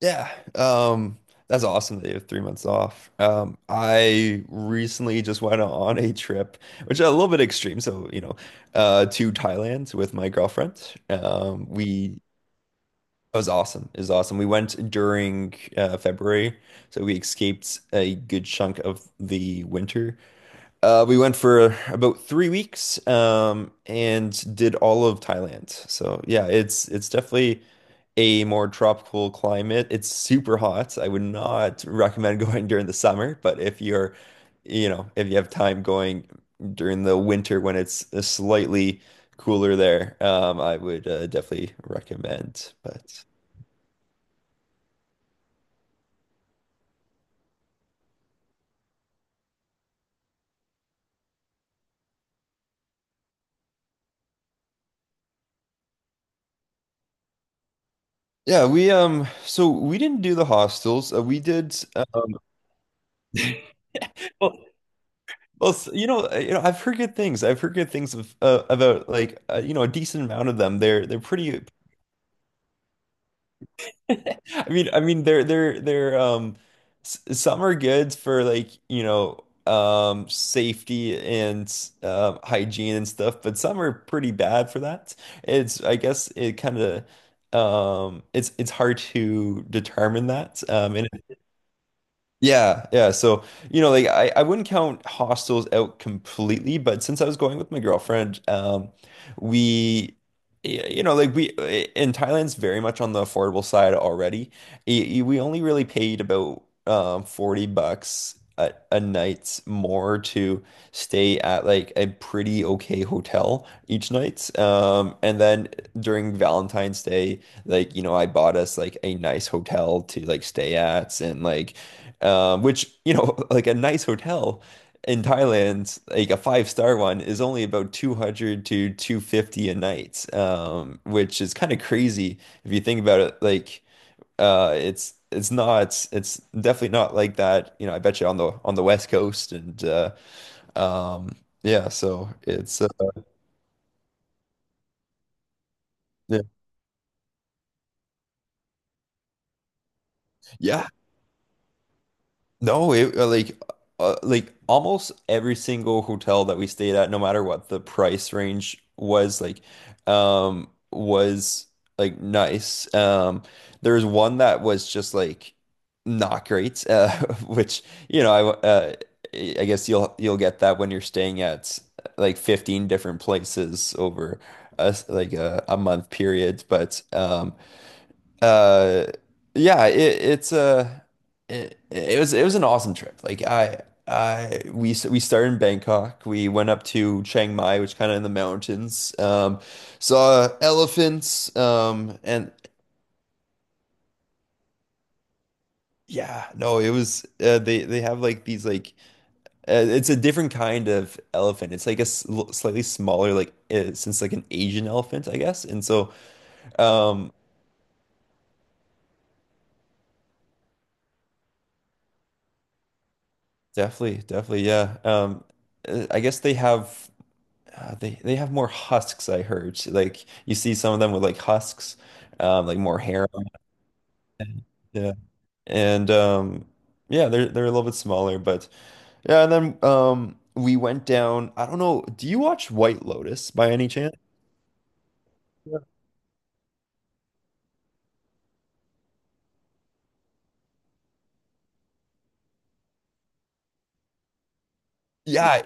Yeah, um, that's awesome that you have 3 months off. I recently just went on a trip, which is a little bit extreme, so to Thailand with my girlfriend. We It was awesome. It was awesome. We went during February, so we escaped a good chunk of the winter. We went for about 3 weeks, and did all of Thailand. So yeah, it's definitely a more tropical climate. It's super hot. I would not recommend going during the summer, but if you're, if you have time going during the winter when it's slightly cooler there, I would definitely recommend. But yeah, we so we didn't do the hostels. We did. Um, Well, I've heard good things. I've heard good things of, about a decent amount of them. They're pretty. They're s some are good for like safety and hygiene and stuff, but some are pretty bad for that. It's I guess it kind of, it's hard to determine that. And Yeah, yeah. So, you know, I wouldn't count hostels out completely, but since I was going with my girlfriend, we, y- you know, like we in Thailand's very much on the affordable side already. We only really paid about 40 bucks a night more to stay at like a pretty okay hotel each night. And then during Valentine's Day, I bought us like a nice hotel to like stay at, and which, you know, like a nice hotel in Thailand, like a five star one, is only about 200 to 250 a night, which is kind of crazy if you think about it. Like, it's not it's definitely not like that, you know, I bet you on the West Coast and um, yeah, so it's yeah. Yeah, no, it like almost every single hotel that we stayed at, no matter what the price range was, was like nice. There was one that was just like not great, which you know, I guess you'll get that when you're staying at like 15 different places over a s- like a month period, but uh yeah, it, it's a it, it was an awesome trip. Like I We started in Bangkok. We went up to Chiang Mai, which kind of in the mountains. Saw elephants and, yeah, no, it was they have like these like, it's a different kind of elephant. It's like a slightly smaller, like since like an Asian elephant, I guess. And so um Definitely, definitely, yeah. I guess they have. They have more husks, I heard. Like you see some of them with like husks, like more hair on it. Yeah. And Yeah, they're a little bit smaller, but yeah, and then we went down. I don't know, do you watch White Lotus by any chance? Yeah,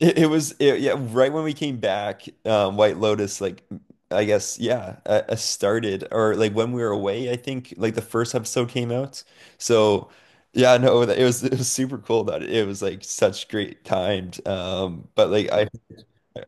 Yeah, right when we came back, White Lotus, like I guess, yeah, started or like when we were away, I think like the first episode came out. So yeah, no, it was it was super cool that it was like such great timed. But like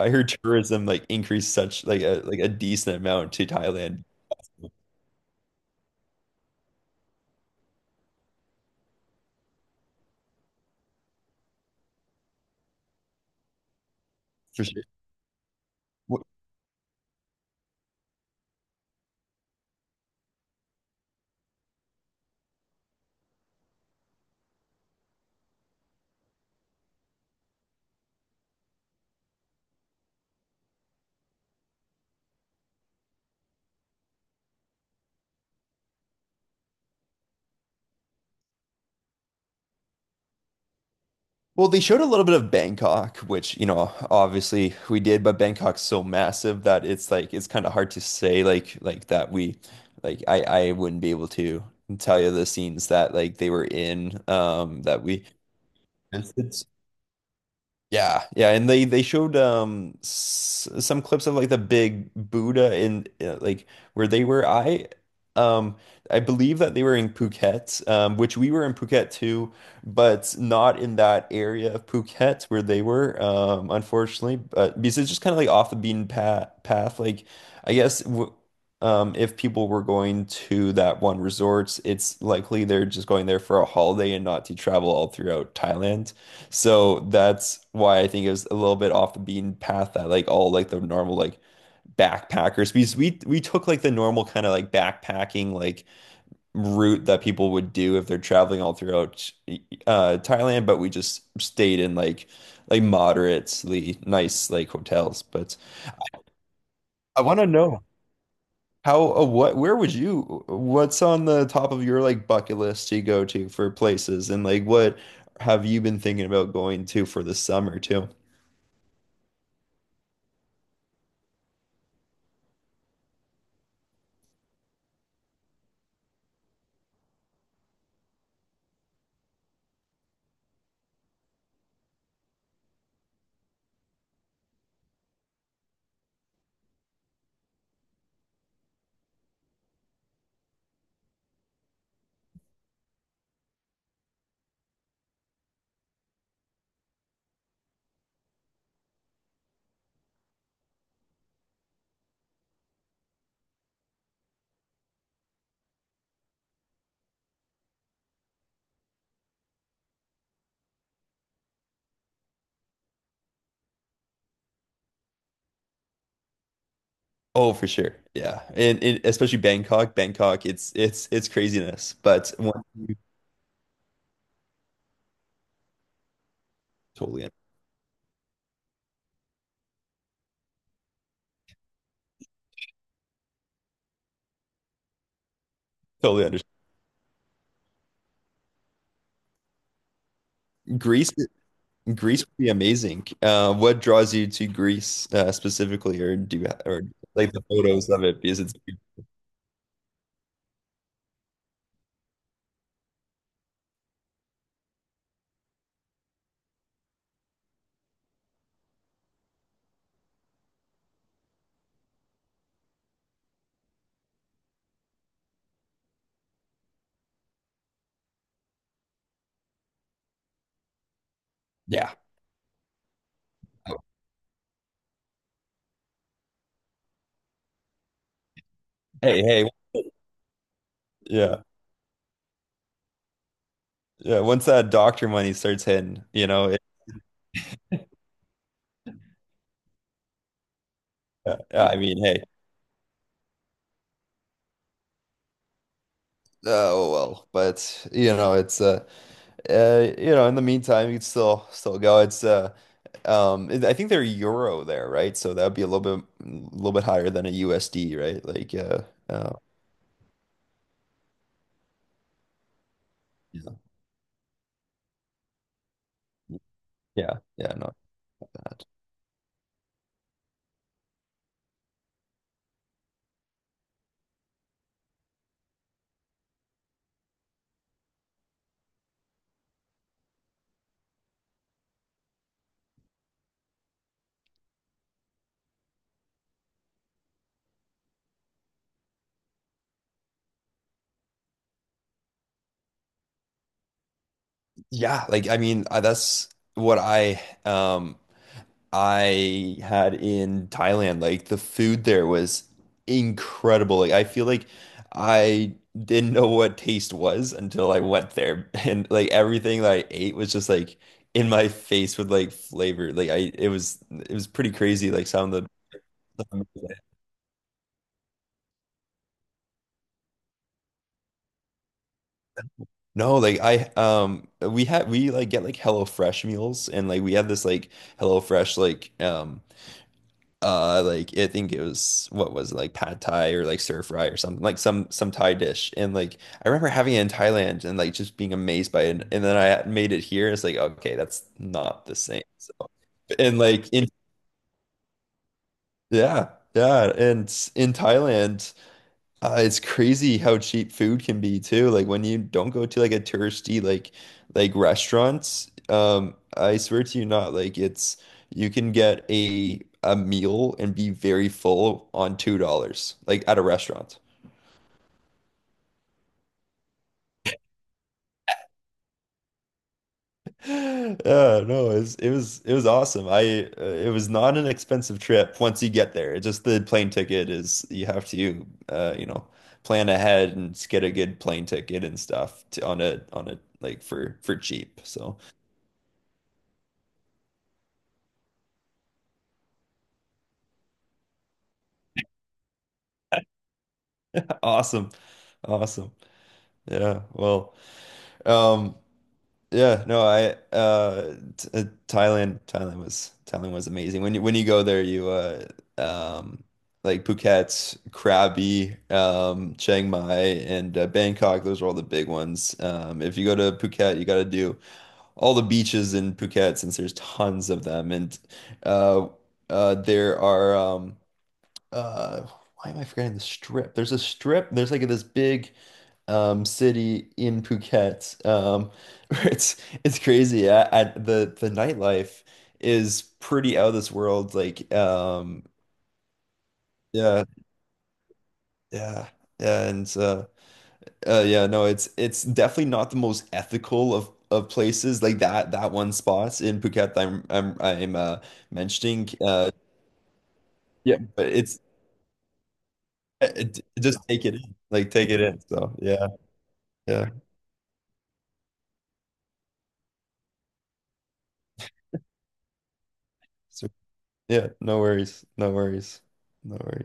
I heard tourism like increased such like a decent amount to Thailand for sure. Well, they showed a little bit of Bangkok, which, you know, obviously we did, but Bangkok's so massive that it's kind of hard to say, like that we like I wouldn't be able to tell you the scenes that like they were in. That we Yeah, yeah, and they showed s some clips of like the big Buddha in like where they were. Um I believe that they were in Phuket, which we were in Phuket too, but not in that area of Phuket where they were, unfortunately. But because it's just kind of like off the beaten path, Like I guess w if people were going to that one resort, it's likely they're just going there for a holiday and not to travel all throughout Thailand. So that's why I think it was a little bit off the beaten path that like all like the normal like backpackers, because we took like the normal kind of like backpacking like route that people would do if they're traveling all throughout Thailand, but we just stayed in like moderately nice like hotels. But I want to know how, what where would you what's on the top of your like bucket list to go to for places, and like what have you been thinking about going to for the summer too? Oh, for sure. Yeah. And especially Bangkok. Bangkok, it's craziness. But once you totally totally understand. Greece. Greece would be amazing. What draws you to Greece specifically, or do you ha or like the photos of it, because it's yeah. Hey, hey. Yeah. Yeah, once that doctor money starts hitting, I mean, hey. Oh well, but you know, in the meantime you could still go. It's I think they're euro there, right? So that would be a little bit higher than a USD, right? Uh yeah, yeah no, yeah, like I mean, that's what um I had in Thailand. Like the food there was incredible. Like I feel like I didn't know what taste was until I went there. And like everything that I ate was just like in my face with like flavor. Like I it was pretty crazy. Like some of the no, like I we had we like get like Hello Fresh meals, and like we had this like Hello Fresh like I think it was, what was it, like pad thai or like stir fry or something, like some Thai dish, and like I remember having it in Thailand and like just being amazed by it, and then I made it here, it's like okay, that's not the same. So and like in Yeah, yeah, and in Thailand it's crazy how cheap food can be too. Like when you don't go to like a touristy like restaurants, I swear to you not, like it's you can get a meal and be very full on $2, like at a restaurant. Yeah, no, it was awesome. I It was not an expensive trip once you get there. It's just the plane ticket is you have to you know, plan ahead and get a good plane ticket and stuff to, on a like for cheap. So. Awesome. Awesome. Yeah. Well, um, yeah, no, I t Thailand was amazing. When you go there, you um like Phuket, Krabi, Chiang Mai, and Bangkok, those are all the big ones. If you go to Phuket, you got to do all the beaches in Phuket, since there's tons of them. And uh, there are, uh, why am I forgetting the strip? There's a strip, there's like this big, city in Phuket. It's it's crazy. I The nightlife is pretty out of this world. Yeah, yeah. Yeah, and yeah, no, it's definitely not the most ethical of places, like that that one spot in Phuket that I'm mentioning. Yeah, but just take it in. Like take it in. So, yeah. Yeah. So, yeah, no worries. No worries. No worries.